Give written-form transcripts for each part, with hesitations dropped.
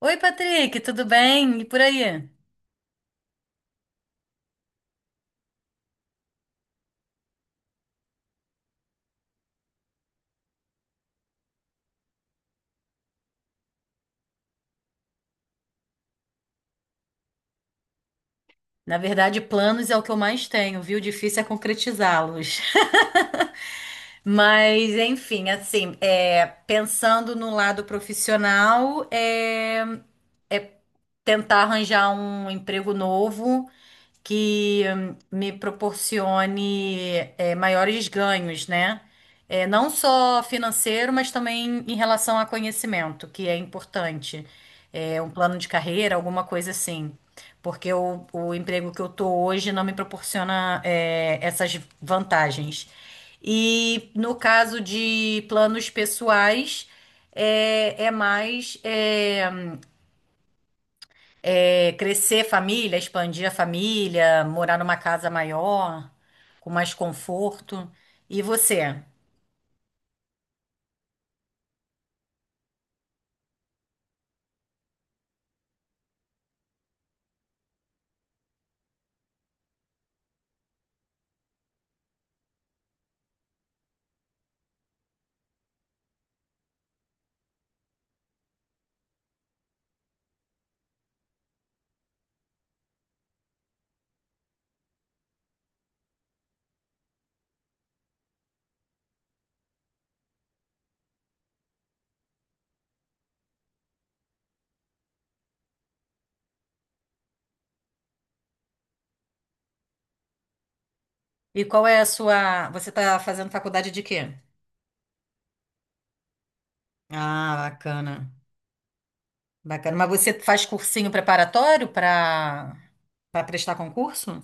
Oi, Patrick, tudo bem? E por aí? Na verdade, planos é o que eu mais tenho, viu? Difícil é concretizá-los. Mas, enfim, assim, pensando no lado profissional, tentar arranjar um emprego novo que me proporcione maiores ganhos, né? Não só financeiro, mas também em relação a conhecimento, que é importante. Um plano de carreira, alguma coisa assim. Porque o emprego que eu tô hoje não me proporciona essas vantagens. E no caso de planos pessoais, é, é mais. É, crescer família, expandir a família, morar numa casa maior, com mais conforto. E você? E qual é a sua. Você está fazendo faculdade de quê? Ah, bacana. Bacana. Mas você faz cursinho preparatório para prestar concurso?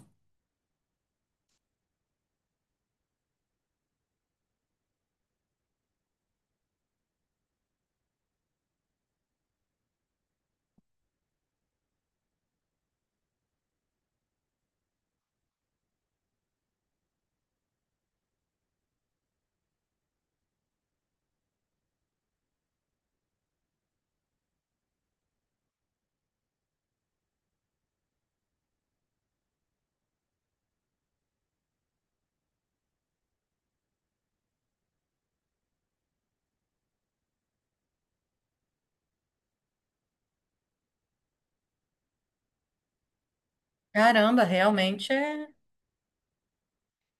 Caramba, realmente é.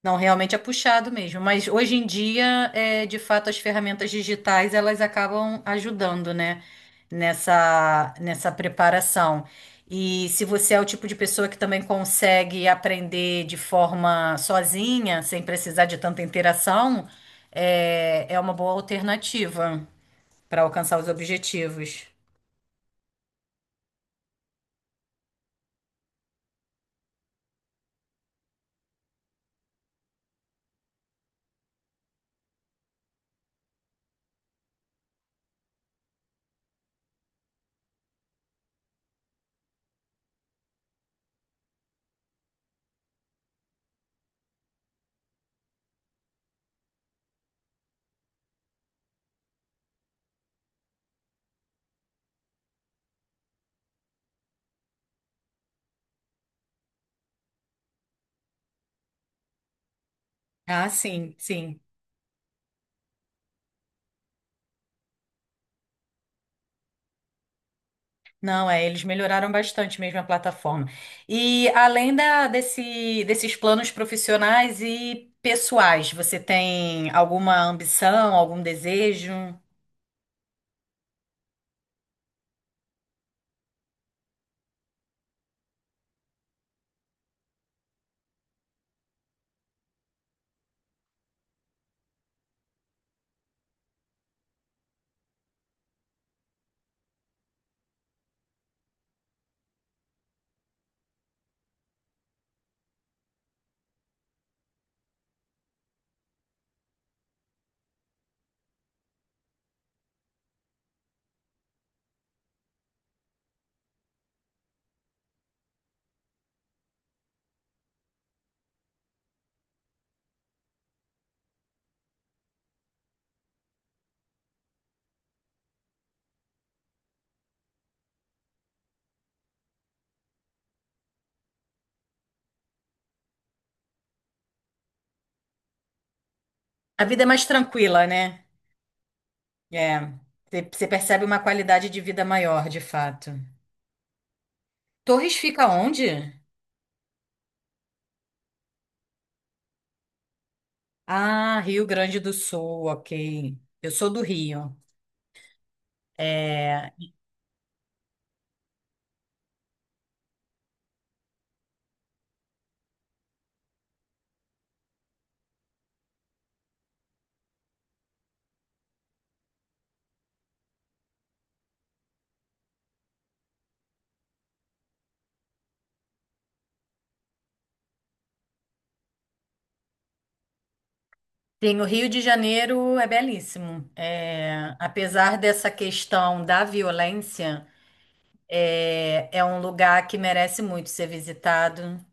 Não, realmente é puxado mesmo. Mas hoje em dia, de fato, as ferramentas digitais elas acabam ajudando, né? Nessa preparação. E se você é o tipo de pessoa que também consegue aprender de forma sozinha, sem precisar de tanta interação, é uma boa alternativa para alcançar os objetivos. Ah, sim, sim. Não, eles melhoraram bastante mesmo a plataforma. E além desses planos profissionais e pessoais, você tem alguma ambição, algum desejo? A vida é mais tranquila, né? É, você percebe uma qualidade de vida maior, de fato. Torres fica onde? Ah, Rio Grande do Sul, ok. Eu sou do Rio. É, tem o Rio de Janeiro, é belíssimo. É, apesar dessa questão da violência. É, é um lugar que merece muito ser visitado,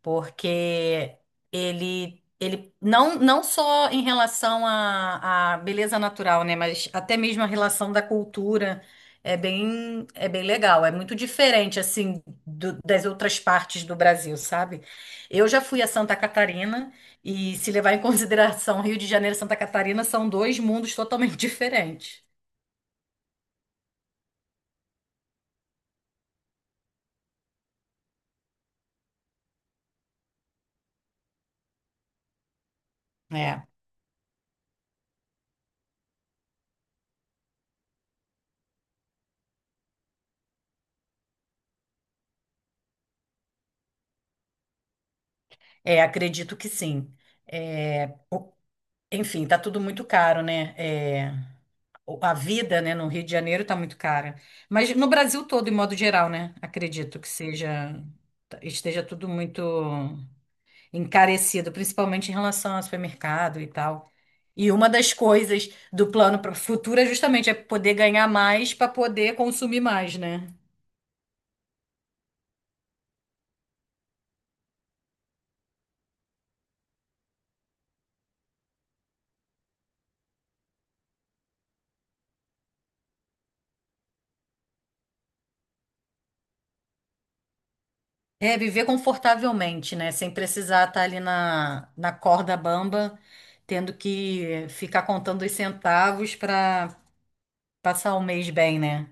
porque ele não, não só em relação à, à beleza natural, né, mas até mesmo a relação da cultura é bem legal. É muito diferente, assim, das outras partes do Brasil, sabe? Eu já fui a Santa Catarina e, se levar em consideração Rio de Janeiro e Santa Catarina, são dois mundos totalmente diferentes. É, acredito que sim. É, enfim, tá tudo muito caro, né? A vida, né, no Rio de Janeiro tá muito cara. Mas no Brasil todo, em modo geral, né? Acredito que seja, tá, esteja tudo muito encarecido, principalmente em relação ao supermercado e tal. E uma das coisas do plano para o futuro é justamente poder ganhar mais para poder consumir mais, né? Viver confortavelmente, né? Sem precisar estar ali na corda bamba, tendo que ficar contando os centavos para passar um mês bem, né?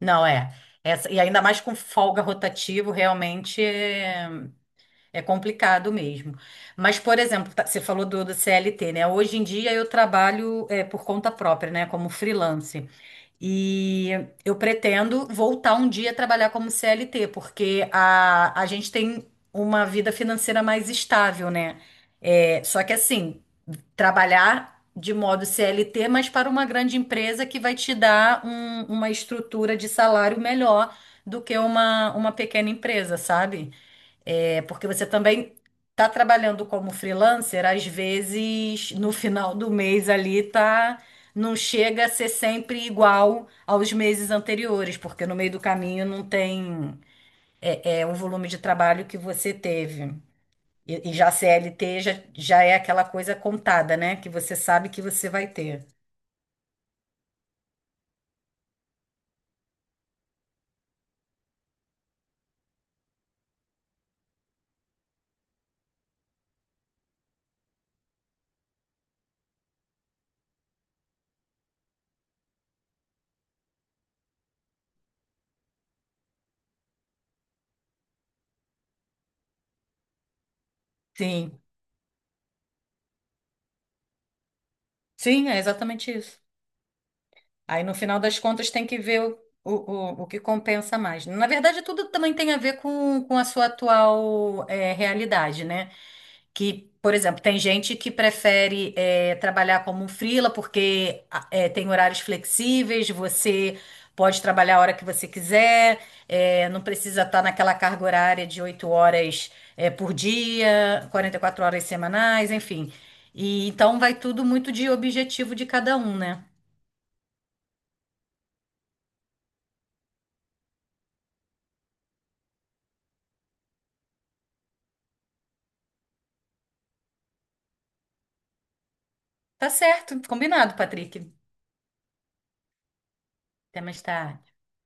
Não, é. Essa, e ainda mais com folga rotativo, realmente é complicado mesmo. Mas, por exemplo, você falou do CLT, né? Hoje em dia eu trabalho por conta própria, né? Como freelance. E eu pretendo voltar um dia a trabalhar como CLT, porque a gente tem uma vida financeira mais estável, né? Só que assim. Trabalhar de modo CLT, mas para uma grande empresa que vai te dar uma estrutura de salário melhor do que uma pequena empresa, sabe? Porque você também está trabalhando como freelancer, às vezes no final do mês ali tá. Não chega a ser sempre igual aos meses anteriores, porque no meio do caminho não tem o volume de trabalho que você teve. Já CLT já, já é aquela coisa contada, né? Que você sabe que você vai ter. Sim, sim, é exatamente isso. Aí no final das contas tem que ver o, o que compensa mais. Na verdade, tudo também tem a ver com a sua atual realidade, né? Que, por exemplo, tem gente que prefere trabalhar como um freela porque tem horários flexíveis, você pode trabalhar a hora que você quiser, não precisa estar naquela carga horária de 8 horas por dia, 44 horas semanais, enfim. E então vai tudo muito de objetivo de cada um, né? Tá certo, combinado, Patrick. Até mais tarde.